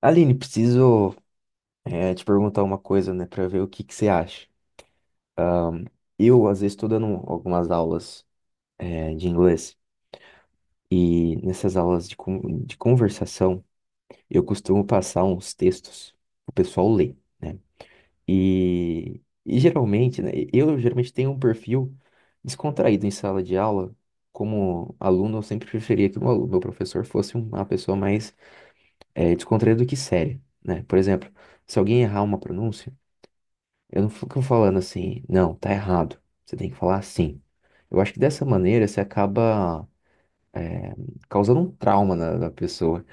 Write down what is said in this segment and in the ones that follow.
Aline, preciso te perguntar uma coisa, né, para ver o que que você acha. Eu, às vezes, estou dando algumas aulas de inglês e nessas aulas de, de conversação eu costumo passar uns textos pro pessoal ler, né? E geralmente, né, eu geralmente tenho um perfil descontraído em sala de aula. Como aluno, eu sempre preferia que o meu meu professor fosse uma pessoa mais descontraída do que séria, né? Por exemplo, se alguém errar uma pronúncia, eu não fico falando assim, não, tá errado. Você tem que falar assim. Eu acho que dessa maneira você acaba é, causando um trauma na pessoa.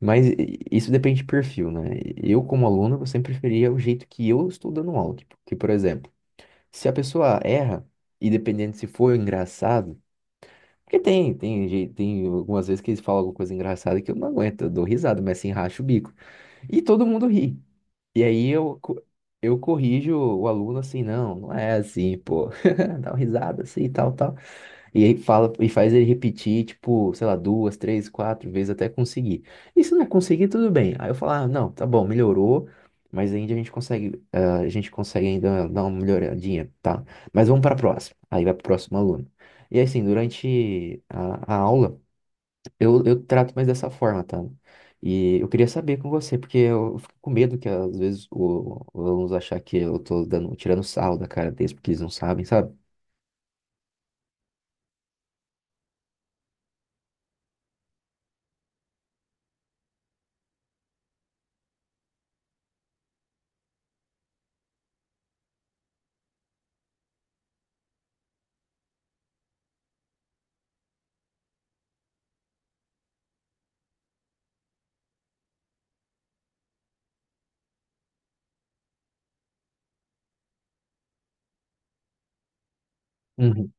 Mas isso depende de perfil, né? Eu, como aluno, eu sempre preferia o jeito que eu estou dando aula. Tipo, que, por exemplo, se a pessoa erra, e dependendo se for engraçado, porque tem algumas vezes que eles falam alguma coisa engraçada que eu não aguento, eu dou risada, mas assim, racho o bico. E todo mundo ri. E aí eu corrijo o aluno assim, não, não é assim, pô. Dá uma risada assim, tal, tal. E aí fala, e faz ele repetir, tipo, sei lá, duas, três, quatro vezes até conseguir. E se não conseguir, tudo bem. Aí eu falo, ah, não, tá bom, melhorou, mas ainda a gente consegue, ah, a gente consegue ainda dar uma melhoradinha, tá? Mas vamos para a próxima. Aí vai pro próximo aluno. E assim, durante a aula. Eu trato mais dessa forma, tá? E eu queria saber com você, porque eu fico com medo que às vezes os alunos achar que eu tô dando, tirando sarro da cara deles, porque eles não sabem, sabe? Uhum,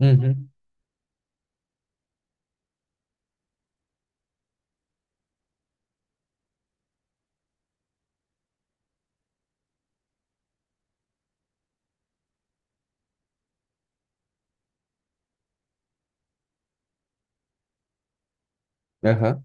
uhum, aham,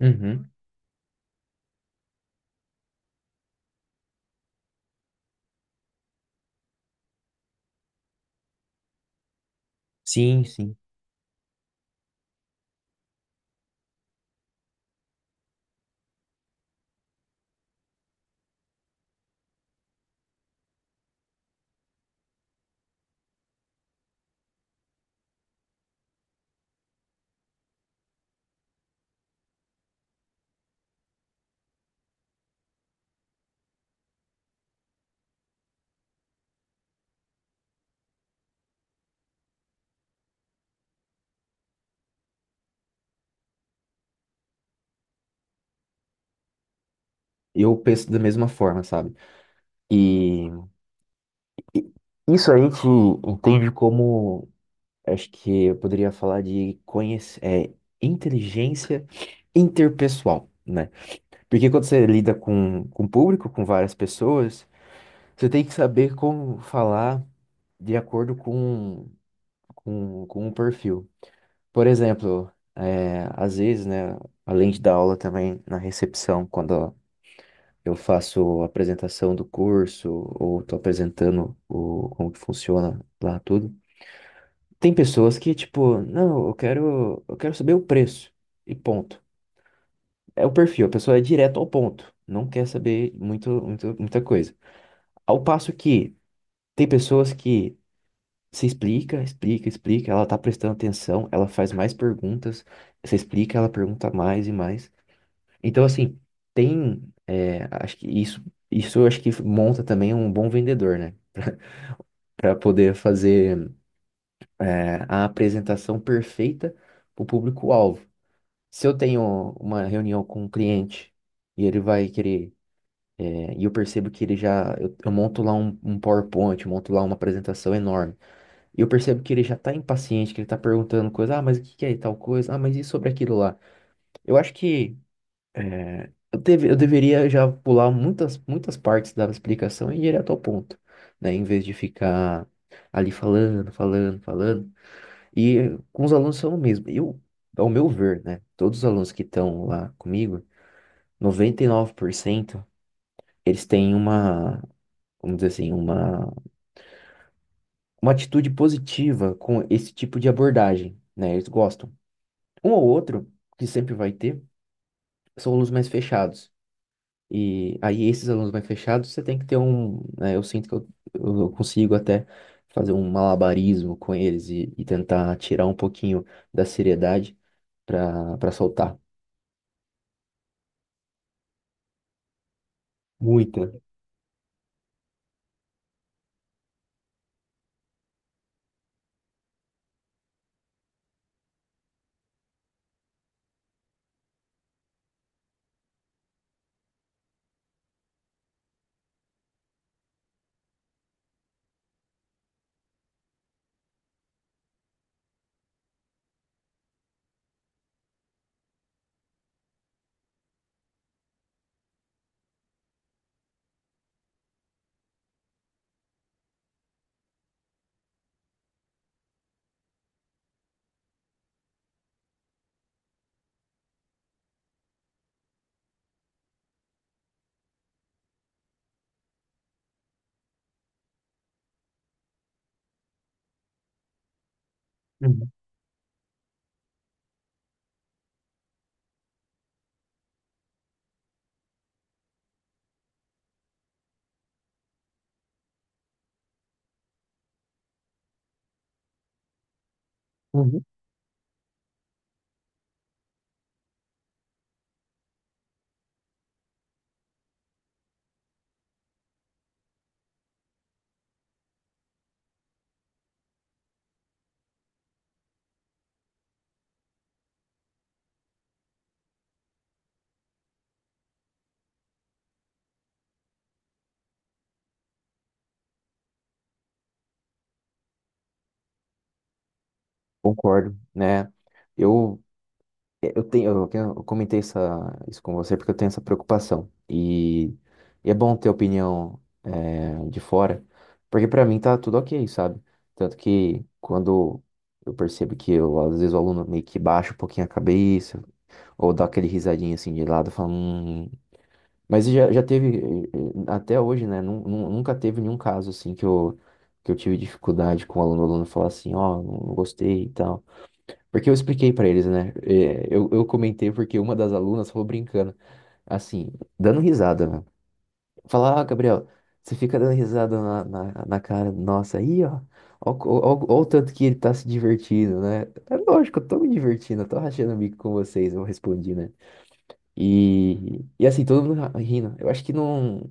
uhum. Sim, sim. Eu penso da mesma forma, sabe? E, e isso a gente entende como, acho que eu poderia falar de conhece, é, inteligência interpessoal, né? Porque quando você lida com o público, com várias pessoas, você tem que saber como falar de acordo com o perfil. Por exemplo, é, às vezes, né, além de dar aula também na recepção, quando eu faço a apresentação do curso ou estou apresentando como que funciona lá tudo, tem pessoas que, tipo, não, eu quero saber o preço e ponto. É o perfil, a pessoa é direto ao ponto, não quer saber muito, muito, muita coisa. Ao passo que tem pessoas que você explica, explica, explica. Ela tá prestando atenção, ela faz mais perguntas. Você explica, ela pergunta mais e mais. Então, assim, tem. É, acho que isso eu acho que monta também um bom vendedor, né? Para poder fazer é, a apresentação perfeita para o público-alvo. Se eu tenho uma reunião com um cliente e ele vai querer, é, e eu percebo que ele já. Eu monto lá um PowerPoint, eu monto lá uma apresentação enorme. E eu percebo que ele já tá impaciente, que ele tá perguntando coisa, ah, mas o que que é tal coisa? Ah, mas e sobre aquilo lá? Eu acho que é, eu deveria já pular muitas, muitas partes da explicação e ir direto ao ponto, né? Em vez de ficar ali falando, falando, falando. E com os alunos são o mesmo. Eu, ao meu ver, né? Todos os alunos que estão lá comigo, 99% eles têm uma, vamos dizer assim, uma atitude positiva com esse tipo de abordagem, né? Eles gostam. Um ou outro, que sempre vai ter, são alunos mais fechados. E aí, esses alunos mais fechados, você tem que ter um. Né, eu sinto que eu consigo até fazer um malabarismo com eles e tentar tirar um pouquinho da seriedade para soltar. Muita. Uhum. Uhum. Concordo, né? Eu é, eu comentei isso com você porque eu tenho essa preocupação. E é bom ter opinião de fora, porque pra mim tá tudo ok, sabe? Tanto que quando eu percebo que eu, às vezes o aluno meio que baixa um pouquinho a cabeça, ou dá aquele risadinho assim de lado, fala, Mas já teve, até hoje, né? Nunca teve nenhum caso assim que que eu tive dificuldade com o aluno falar assim, ó, não gostei e tal. Porque eu expliquei pra eles, né? É, eu comentei porque uma das alunas falou brincando, assim, dando risada, né? Falar, ah, Gabriel, você fica dando risada na cara nossa aí, ó. Ó o tanto que ele tá se divertindo, né? É lógico, eu tô me divertindo, eu tô rachando o bico com vocês, eu respondi, né? E assim, todo mundo rindo. Eu acho que não.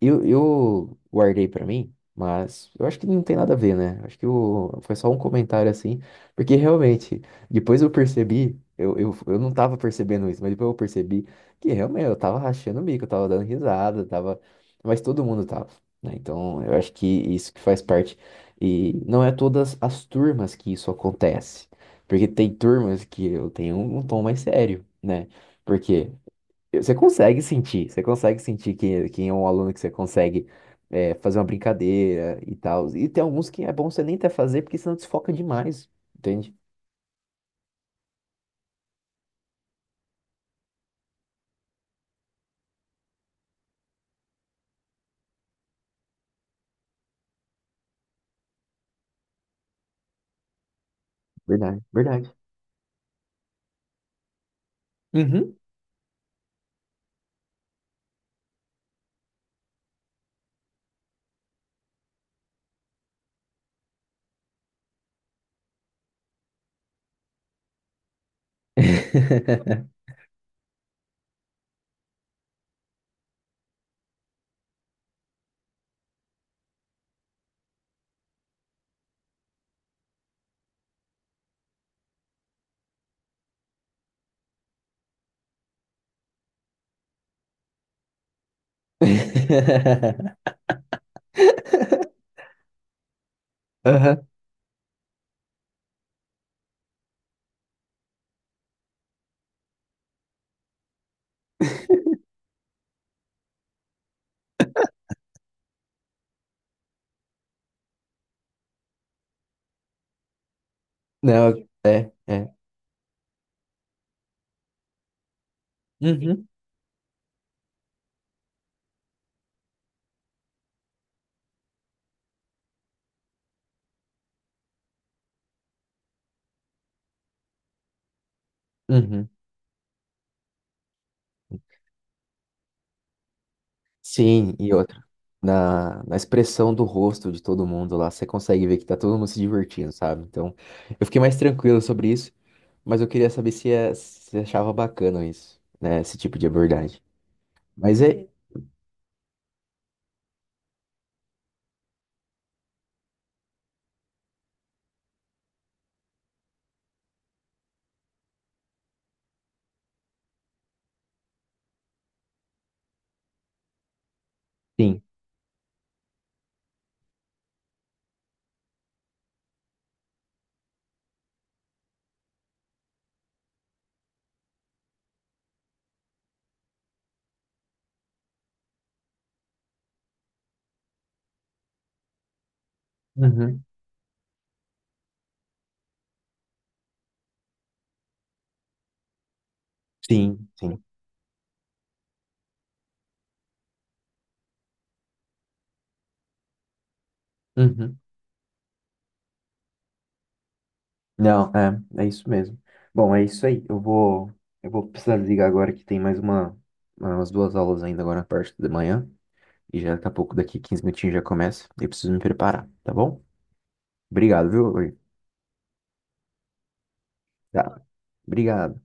Eu guardei pra mim, mas eu acho que não tem nada a ver, né? Acho que o foi só um comentário assim, porque realmente, depois eu percebi, eu não tava percebendo isso, mas depois eu percebi que realmente eu tava rachando o bico, eu tava dando risada, tava, mas todo mundo tava, né? Então eu acho que isso que faz parte, e não é todas as turmas que isso acontece, porque tem turmas que eu tenho um tom mais sério, né? Por quê? Você consegue sentir quem é um aluno que você consegue é, fazer uma brincadeira e tal. E tem alguns que é bom você nem até fazer, porque senão desfoca demais, entende? Verdade, verdade. Uhum. Aham. Não, é, é. Uhum, uhum. Sim, e outra. Na expressão do rosto de todo mundo lá, você consegue ver que tá todo mundo se divertindo, sabe? Então, eu fiquei mais tranquilo sobre isso. Mas eu queria saber se, é, se achava bacana isso, né? Esse tipo de abordagem. Mas é. Sim. Uhum. Sim, sim. Uhum. Não, é, é isso mesmo. Bom, é isso aí. Eu vou precisar desligar agora que tem mais uma, umas 2 aulas ainda agora na parte da manhã. E já daqui a pouco, daqui 15 minutinhos já começa. Eu preciso me preparar, tá bom? Obrigado, viu? Uri? Tá. Obrigado.